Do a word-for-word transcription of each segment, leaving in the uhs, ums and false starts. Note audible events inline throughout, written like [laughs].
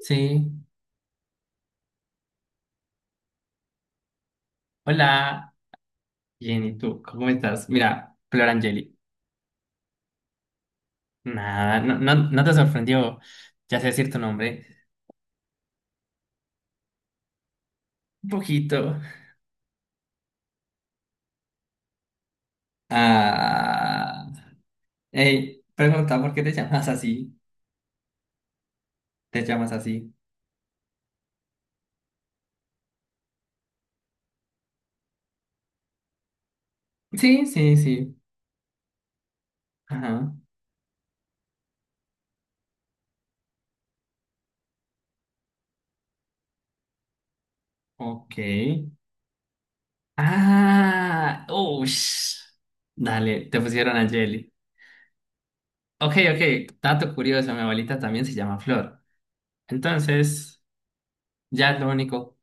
Sí, hola, bien, ¿y tú? ¿Cómo estás? Mira, Flor Angeli. Nada, no, no, no te sorprendió, ya sé decir tu nombre. Un poquito. Ah, hey, pregunta, ¿por qué te llamas así? ¿Te llamas así? Sí, sí, sí. Ajá, ok. Ah, ush. Dale, te pusieron Angeli. Ok, ok, dato curioso, mi abuelita también se llama Flor. Entonces, ya es lo único,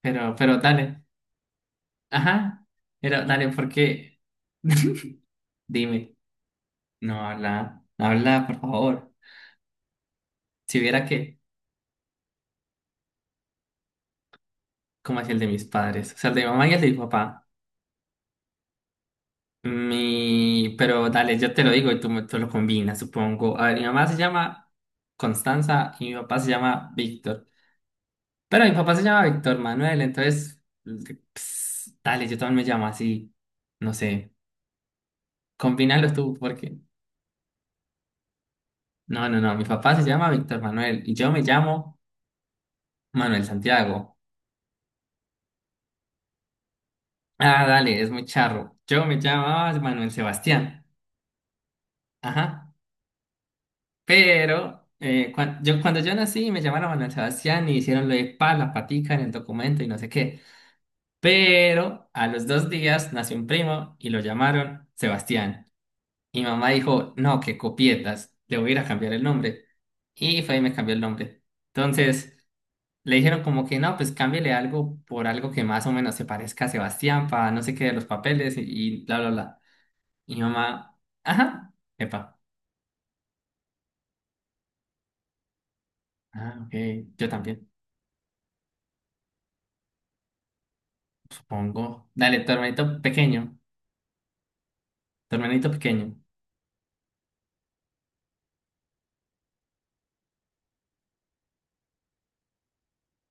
pero, pero dale. Ajá. Pero dale, ¿por qué? [laughs] Dime. No, habla, no habla, por favor. Si viera que, como hacía el de mis padres, o sea, el de mi mamá y el de mi papá. Mi, pero dale, yo te lo digo y tú, me- tú lo combinas, supongo. A ver, mi mamá se llama Constanza y mi papá se llama Víctor. Pero mi papá se llama Víctor Manuel, entonces, ps, dale, yo también me llamo así. No sé, combínalos tú, porque. No, no, no, mi papá se llama Víctor Manuel y yo me llamo Manuel Santiago. Ah, dale, es muy charro. Yo me llamaba Manuel Sebastián. Ajá. Pero eh, cuan- yo, cuando yo nací me llamaron Manuel Sebastián y hicieron lo de pa, la patica en el documento y no sé qué. Pero a los dos días nació un primo y lo llamaron Sebastián. Y mamá dijo, no, que copietas, le voy a ir a cambiar el nombre. Y fue y me cambió el nombre. Entonces le dijeron como que no, pues cámbiale algo por algo que más o menos se parezca a Sebastián para no sé qué de los papeles y, y bla, bla, bla. Y mi mamá, ajá, epa, ah, ok, yo también, supongo. Dale, tu hermanito pequeño, tu hermanito pequeño.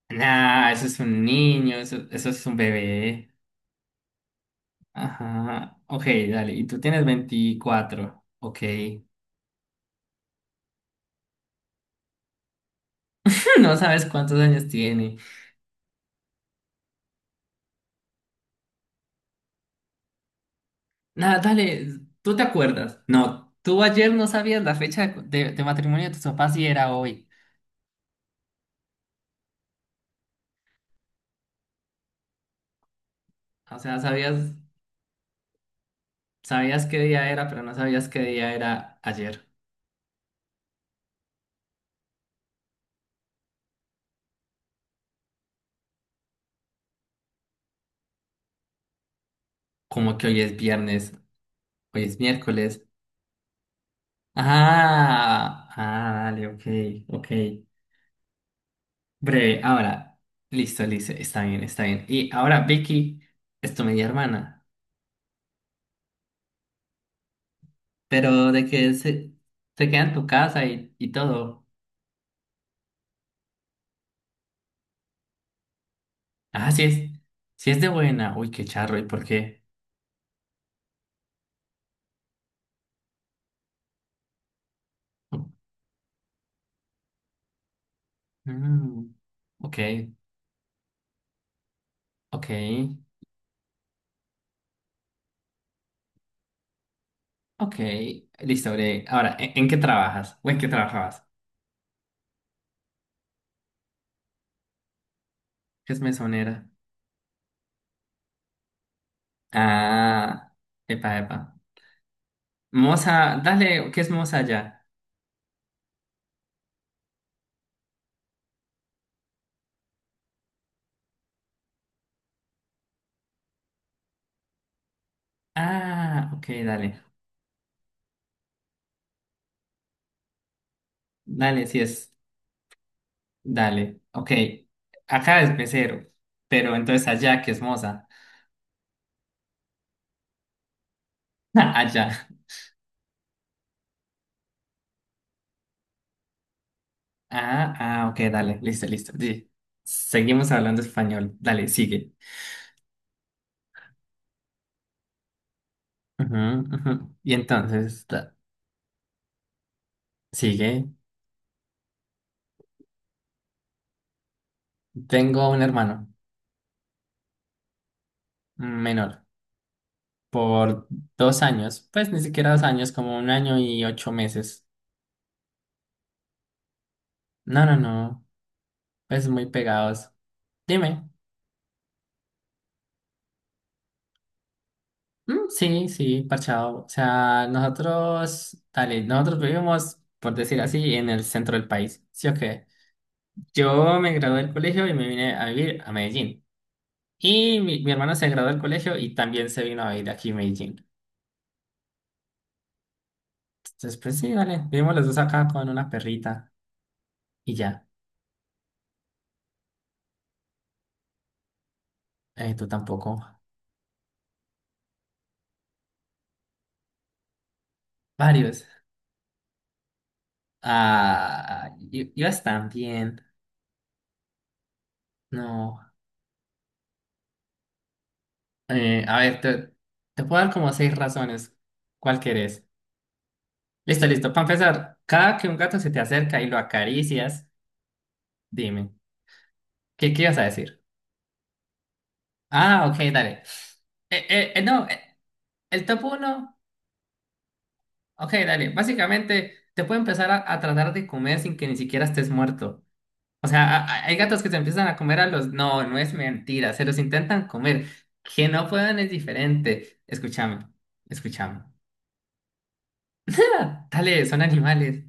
Nah, eso es un niño, eso, eso es un bebé. Ajá, ok, dale, y tú tienes veinticuatro. Ok. [laughs] No sabes cuántos años tiene. Nada dale, ¿tú te acuerdas? No, tú ayer no sabías la fecha de, de- de matrimonio de tus papás y era hoy. O sea, sabías, sabías qué día era, pero no sabías qué día era ayer. Como que hoy es viernes. Hoy es miércoles. Ah, ah, dale, ok, ok. Breve, ahora. Listo, listo, está bien, está bien. Y ahora, Vicky, es tu media hermana, pero de que se, se queda en tu casa y, y todo. Ah, sí es, sí es de buena. Uy, qué charro, ¿y por qué? Mm, ok, ok, ok. Listo, breve. Ahora, ¿en, en qué trabajas? ¿O en qué trabajabas? ¿Qué es mesonera? Ah, epa, epa. Moza, dale, ¿qué es moza ya? Ah, ok, dale. Dale, sí es. Dale, ok. Acá es mesero, pero entonces allá, ¿qué es moza? [laughs] Allá. Ah, ah, ok, dale, listo, listo. Sí. Seguimos hablando español. Dale, sigue. Ujú, ujú. Y entonces, da- sigue. Tengo un hermano menor por dos años, pues ni siquiera dos años, como un año y ocho meses. No, no, no, pues muy pegados. Dime. Mm, sí, sí, parchado. O sea, nosotros, dale, nosotros vivimos, por decir así, en el centro del país. ¿Sí o qué? Yo me gradué del colegio y me vine a vivir a Medellín. Y mi, mi hermano se graduó del colegio y también se vino a vivir aquí a Medellín. Entonces, pues sí, dale, vivimos los dos acá con una perrita y ya. Eh, tú tampoco. Varios. Ah, y, y vas también. No. Eh, a ver, te, te puedo dar como seis razones. ¿Cuál querés? Listo, listo. Para empezar, cada que un gato se te acerca y lo acaricias, dime, ¿qué, qué ibas a decir? Ah, ok, dale. Eh, eh, eh, no, eh, el top uno, ok, dale. Básicamente, te puede empezar a, a tratar de comer sin que ni siquiera estés muerto. O sea, a- a- hay gatos que se empiezan a comer a los. No, no es mentira, se los intentan comer. Que no puedan es diferente. Escúchame, escúchame. [laughs] Dale, son animales.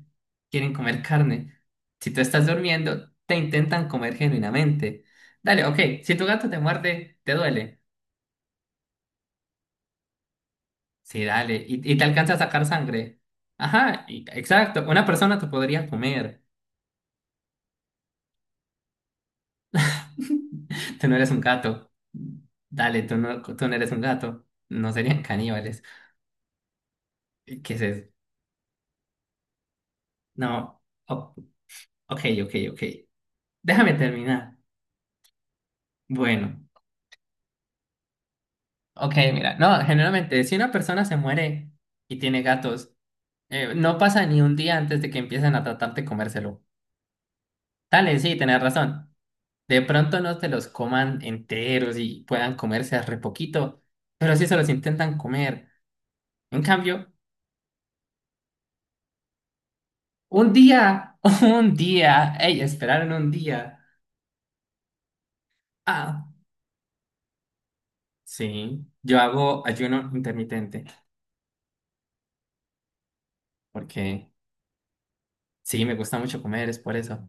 Quieren comer carne. Si tú estás durmiendo, te intentan comer genuinamente. Dale, ok. Si tu gato te muerde, te duele. Sí, dale. Y, y te alcanza a sacar sangre. Ajá, y- exacto. Una persona te podría comer. [laughs] Tú no eres un gato. Dale, tú no, tú no eres un gato. No serían caníbales. ¿Qué es eso? No. O- ok, ok, ok. Déjame terminar. Bueno. Ok, mira, no, generalmente si una persona se muere y tiene gatos, eh, no pasa ni un día antes de que empiecen a tratar de comérselo. Dale, sí, tenés razón. De pronto no te los coman enteros y puedan comerse re poquito, pero sí se los intentan comer. En cambio, un día, [laughs] un día, ey, esperaron un día. Ah, sí, yo hago ayuno intermitente porque sí, me gusta mucho comer, es por eso.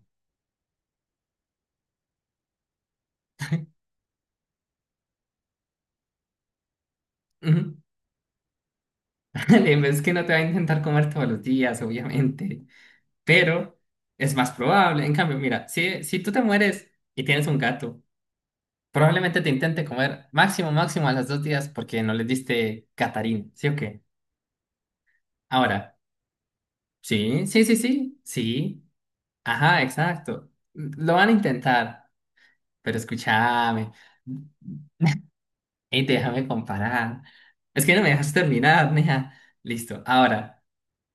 Ujú. [laughs] Es que no te va a intentar comer todos los días, obviamente, pero es más probable. En cambio, mira, si, si tú te mueres y tienes un gato, probablemente te intente comer máximo, máximo a las dos días porque no le diste catarín, ¿sí o qué? Ahora, sí, sí, sí, sí, sí, ajá, exacto. Lo van a intentar, pero escúchame y déjame comparar. Es que no me dejas terminar, mija. Listo, ahora.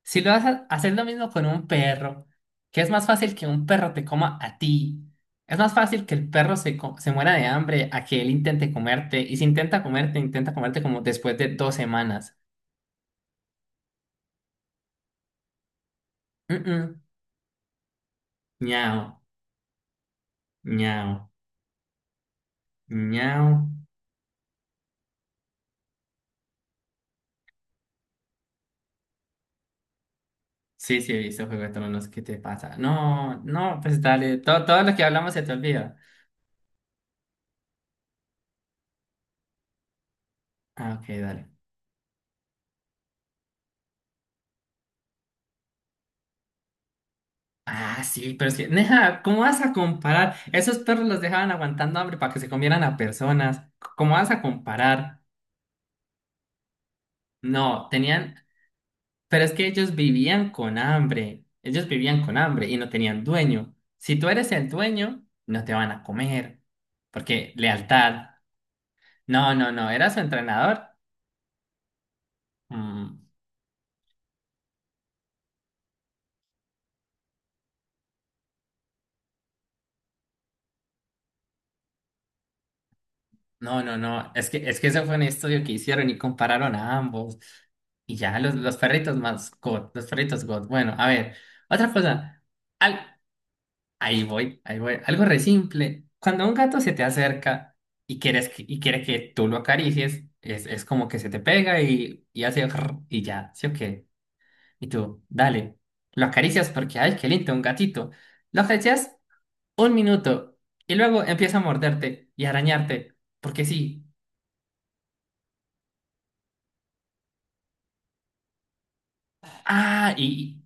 Si lo vas a hacer lo mismo con un perro, que es más fácil que un perro te coma a ti, es más fácil que el perro se, co- se muera de hambre a que él intente comerte, y si intenta comerte, intenta comerte como después de dos semanas. Mm-mm. Ñao, ñao, ñao. Sí, sí, he visto Juego de Tronos, ¿qué te pasa? No, no, pues dale, todo, todo lo que hablamos se te olvida. Ah, ok, dale. Ah, sí, pero es que, Neja, ¿cómo vas a comparar? Esos perros los dejaban aguantando hambre para que se comieran a personas. C- ¿Cómo vas a comparar? No, tenían, pero es que ellos vivían con hambre. Ellos vivían con hambre y no tenían dueño. Si tú eres el dueño, no te van a comer. Porque lealtad. No, no, no, era su entrenador. Mm, no, no, no, es que, es que eso fue un estudio que hicieron y compararon a ambos. Y ya, los, los perritos más God, los perritos God. Bueno, a ver, otra cosa. Al- ahí voy, ahí voy. Algo re simple. Cuando un gato se te acerca y quieres que, y quiere que tú lo acaricies, es, es como que se te pega y, y hace rrr y ya, ¿sí o qué? Y tú, dale, lo acaricias porque, ay, qué lindo, un gatito. Lo acaricias un minuto y luego empieza a morderte y arañarte porque sí. Ah, y,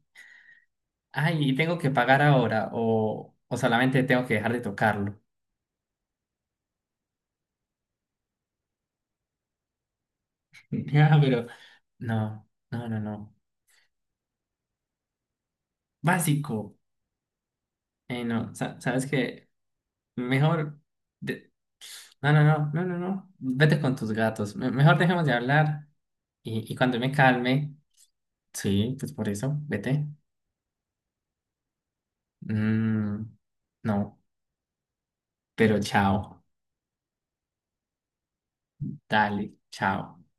ah, y tengo que pagar ahora o, o solamente tengo que dejar de tocarlo. [laughs] Ya, pero no, no, no, no. Básico. Eh, no, sa- sabes que mejor. de- No, no, no, no, no, no. Vete con tus gatos. Me- mejor dejemos de hablar y, y cuando me calme, sí, pues por eso, vete. Mm, no, pero chao. Dale, chao.